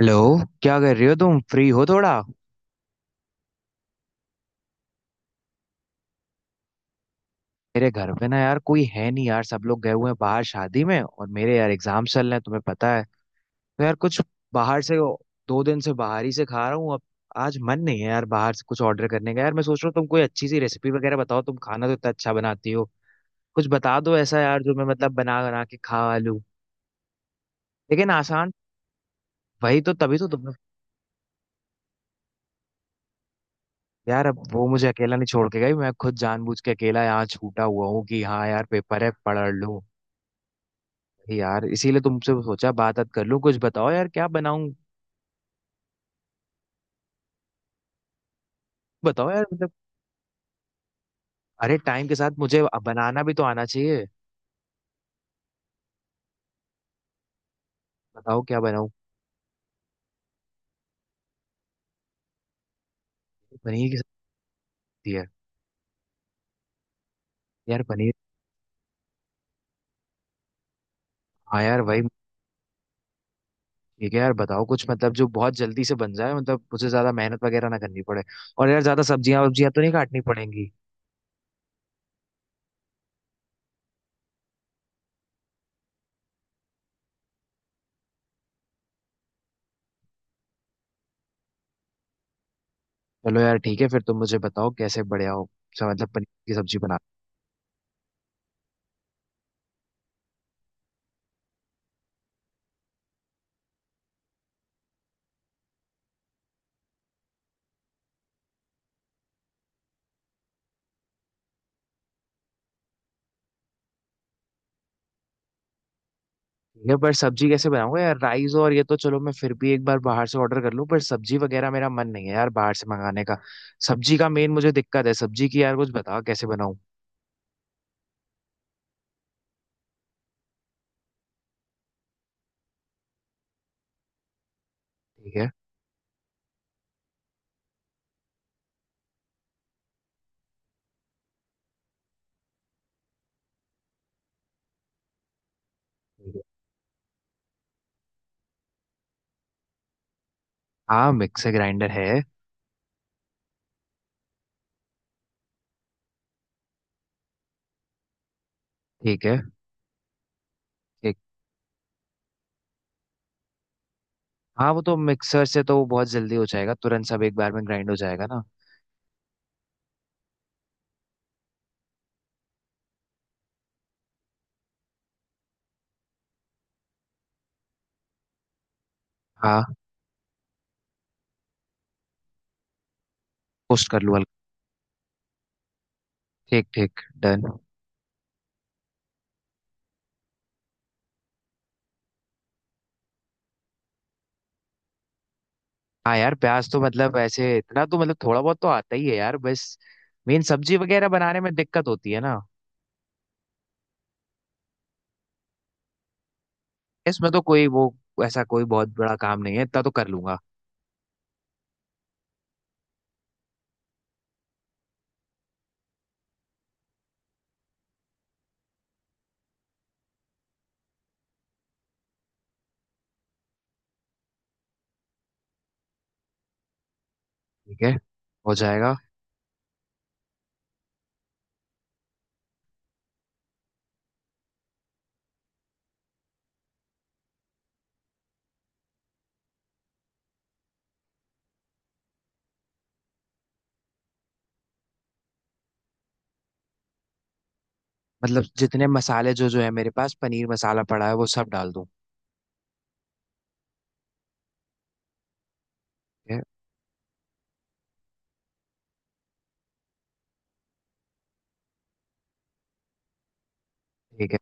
Hello. क्या कर रही हो, तुम फ्री हो थोड़ा? मेरे घर पे ना यार कोई है नहीं यार, सब लोग गए हुए हैं बाहर शादी में, और मेरे यार एग्जाम चल रहे हैं, तुम्हें पता है। तो यार कुछ बाहर से, 2 दिन से बाहर ही से खा रहा हूँ अब। आज मन नहीं है यार बाहर से कुछ ऑर्डर करने का। यार मैं सोच रहा हूँ तुम कोई अच्छी सी रेसिपी वगैरह बताओ, तुम खाना तो इतना अच्छा बनाती हो। कुछ बता दो ऐसा यार जो मैं मतलब बना बना के खा लूँ, लेकिन आसान। वही तो, तभी तो तुम। यार अब वो मुझे अकेला नहीं छोड़ के गई, मैं खुद जानबूझ के अकेला यहाँ छूटा हुआ हूँ कि हाँ यार पेपर है, पढ़ लूँ। यार इसीलिए तुमसे सोचा बात बात कर लूं, कुछ बताओ यार क्या बनाऊं। बताओ यार मतलब। अरे टाइम के साथ मुझे अब बनाना भी तो आना चाहिए। बताओ क्या बनाऊं। पनीर की सब्जी है? यार पनीर। हाँ यार वही। ठीक है यार बताओ कुछ मतलब जो बहुत जल्दी से बन जाए, मतलब मुझे ज्यादा मेहनत वगैरह ना करनी पड़े। और यार ज्यादा सब्जियां वब्जियां तो नहीं काटनी पड़ेंगी। चलो यार ठीक है, फिर तुम मुझे बताओ कैसे। बढ़िया हो, अच्छा, मतलब पनीर की सब्जी बना। ये पर सब्जी कैसे बनाऊंगा यार? राइस और ये तो चलो मैं फिर भी एक बार बाहर से ऑर्डर कर लूं, पर सब्जी वगैरह मेरा मन नहीं है यार बाहर से मंगाने का। सब्जी का मेन मुझे दिक्कत है, सब्जी की। यार कुछ बताओ कैसे बनाऊं। ठीक है। ठीक है। हाँ मिक्सर ग्राइंडर है। ठीक है। एक। हाँ वो तो मिक्सर से तो वो बहुत जल्दी हो जाएगा, तुरंत सब एक बार में ग्राइंड हो जाएगा ना। हाँ। पोस्ट कर लूँ हल्का? ठीक ठीक। डन। हाँ यार प्याज तो मतलब ऐसे इतना तो मतलब थोड़ा बहुत तो आता ही है यार, बस मेन सब्जी वगैरह बनाने में दिक्कत होती है ना। इसमें तो कोई वो ऐसा कोई बहुत बड़ा काम नहीं है, इतना तो कर लूंगा। ठीक है। हो जाएगा। मतलब जितने मसाले, जो जो है मेरे पास, पनीर मसाला पड़ा है वो सब डाल दूं? ठीक है। ठीक है।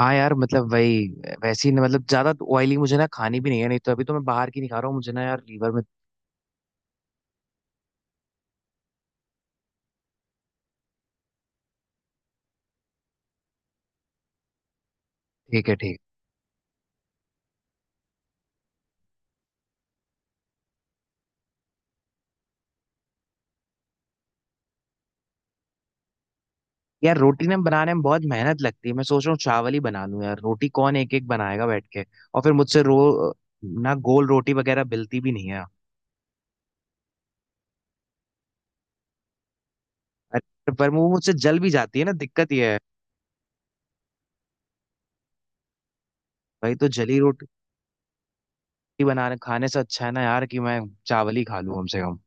हाँ यार मतलब वही। वैसी ना मतलब ज्यादा ऑयली मुझे ना खानी भी नहीं है, नहीं तो अभी तो मैं बाहर की नहीं खा रहा हूँ, मुझे ना यार लीवर में। ठीक है ठीक है। यार रोटी ना बनाने में बहुत मेहनत लगती है, मैं सोच रहा हूँ चावल ही बना लूं, यार रोटी कौन एक एक बनाएगा बैठ के। और फिर मुझसे रो ना गोल रोटी वगैरह मिलती भी नहीं है। अरे, पर वो मुझसे जल भी जाती है ना, दिक्कत ये है। भाई तो जली रोटी, रोटी बनाने खाने से अच्छा है ना यार कि मैं चावल ही खा लूं कम से कम।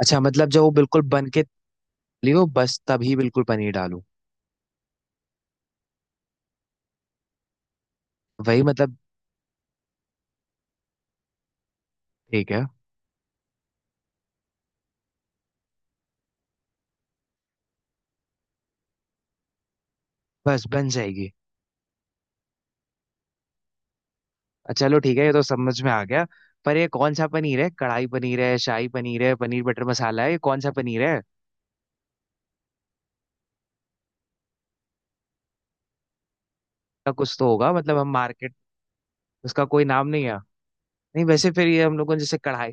अच्छा मतलब जब वो बिल्कुल बन के लियो, बस तभी बिल्कुल पनीर डालूं? वही मतलब। ठीक है। बस बन जाएगी। चलो ठीक है, ये तो समझ में आ गया। पर ये कौन सा पनीर है? कढ़ाई पनीर है, शाही पनीर है, पनीर बटर मसाला है, ये कौन सा पनीर है? इसका कुछ तो होगा, मतलब हम मार्केट। उसका कोई नाम नहीं है? नहीं, वैसे फिर ये हम लोगों ने जैसे कढ़ाई,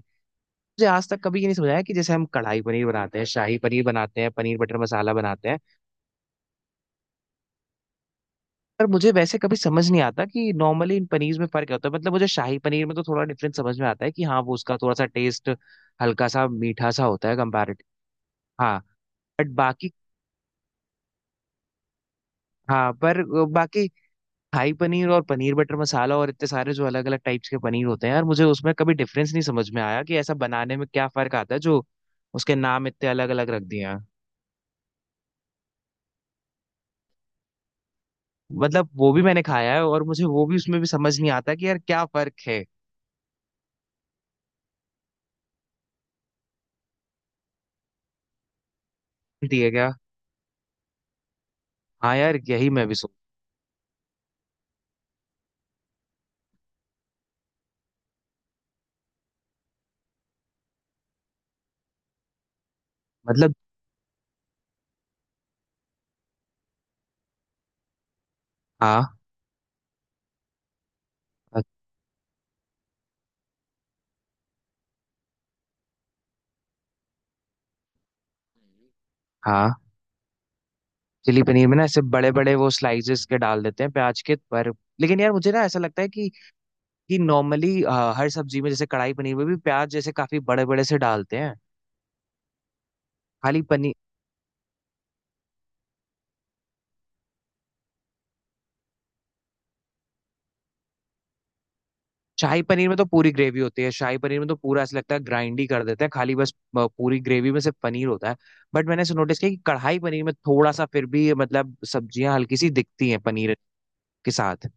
मुझे आज तक कभी ये नहीं समझाया कि जैसे हम कढ़ाई पनीर बनाते हैं, शाही पनीर बनाते हैं, पनीर बटर मसाला बनाते हैं। पर मुझे वैसे कभी समझ नहीं आता कि नॉर्मली इन पनीर में फर्क क्या होता है, मतलब मुझे शाही पनीर में तो थोड़ा डिफरेंस समझ में आता है कि हाँ वो उसका थोड़ा सा टेस्ट हल्का सा मीठा सा होता है कंपैरेटिव। हाँ। बट बाकी। हाँ पर बाकी शाही पनीर और पनीर बटर मसाला और इतने सारे जो अलग अलग टाइप्स के पनीर होते हैं यार, मुझे उसमें कभी डिफरेंस नहीं समझ में आया कि ऐसा बनाने में क्या फर्क आता है जो उसके नाम इतने अलग अलग रख दिए हैं। मतलब वो भी मैंने खाया है और मुझे वो भी, उसमें भी समझ नहीं आता कि यार क्या फर्क है। दिए क्या? हाँ यार यही मैं भी सोच। मतलब। हाँ हाँ। चिली पनीर में ना ऐसे बड़े बड़े वो स्लाइसेस के डाल देते हैं प्याज के, पर लेकिन यार मुझे ना ऐसा लगता है कि नॉर्मली हर सब्जी में जैसे कढ़ाई पनीर में भी प्याज जैसे काफी बड़े बड़े से डालते हैं। खाली पनीर शाही पनीर में तो पूरी ग्रेवी होती है, शाही पनीर में तो पूरा ऐसा लगता है ग्राइंड ही कर देते हैं खाली बस। पूरी ग्रेवी में सिर्फ पनीर होता है। बट मैंने ऐसे नोटिस किया कि कढ़ाई पनीर में थोड़ा सा फिर भी मतलब सब्जियां हल्की सी दिखती हैं पनीर के साथ।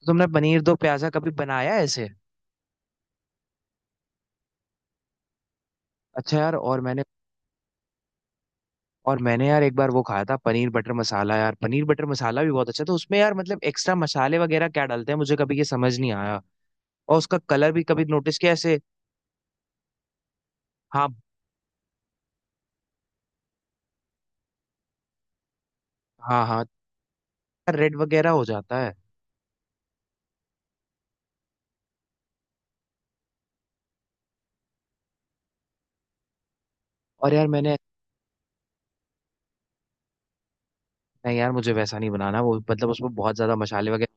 तो तुमने पनीर दो प्याजा कभी बनाया है ऐसे? अच्छा यार, और मैंने यार एक बार वो खाया था पनीर बटर मसाला, यार पनीर बटर मसाला भी बहुत अच्छा था, उसमें यार मतलब एक्स्ट्रा मसाले वगैरह क्या डालते हैं मुझे कभी ये समझ नहीं आया। और उसका कलर भी कभी नोटिस किया ऐसे? हाँ। हाँ। हाँ रेड वगैरह हो जाता है। और यार मैंने। नहीं यार मुझे वैसा नहीं बनाना, वो मतलब उसमें बहुत ज्यादा मसाले वगैरह।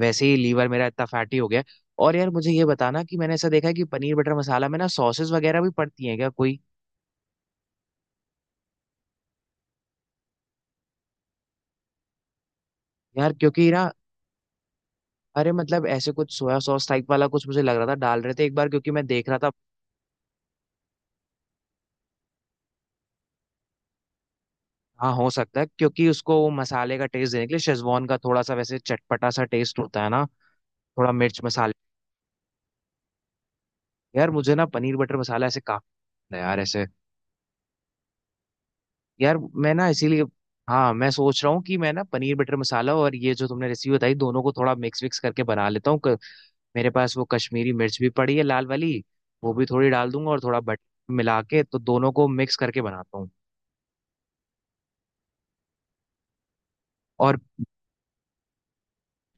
वैसे ही लीवर मेरा इतना फैटी हो गया है। और यार मुझे ये बताना कि मैंने ऐसा देखा है कि पनीर बटर मसाला में ना सॉसेस वगैरह भी पड़ती हैं क्या कोई? यार क्योंकि ना, अरे मतलब ऐसे कुछ सोया सॉस टाइप वाला कुछ मुझे लग रहा था डाल रहे थे एक बार, क्योंकि मैं देख रहा था। हाँ हो सकता है, क्योंकि उसको वो मसाले का टेस्ट देने के लिए शेजवान का, थोड़ा सा वैसे चटपटा सा टेस्ट होता है ना। थोड़ा मिर्च मसाले। यार मुझे ना पनीर बटर मसाला ऐसे काफी पसंद है यार ऐसे। यार मैं ना इसीलिए हाँ मैं सोच रहा हूँ कि मैं ना पनीर बटर मसाला और ये जो तुमने रेसिपी बताई दोनों को थोड़ा मिक्स विक्स करके बना लेता हूँ मेरे पास वो कश्मीरी मिर्च भी पड़ी है लाल वाली, वो भी थोड़ी डाल दूंगा और थोड़ा बटर मिला के तो दोनों को मिक्स करके बनाता हूँ। और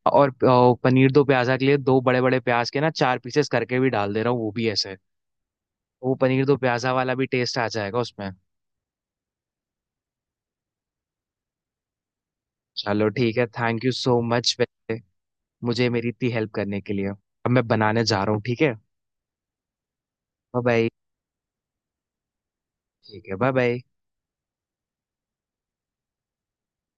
और पनीर दो प्याजा के लिए दो बड़े बड़े प्याज के ना चार पीसेस करके भी डाल दे रहा हूँ, वो भी ऐसे। वो पनीर दो प्याजा वाला भी टेस्ट आ जाएगा उसमें। चलो ठीक है, थैंक यू सो मच मुझे मेरी इतनी हेल्प करने के लिए, अब मैं बनाने जा रहा हूँ ठीक है। Bye bye. ठीक है बाय बाय।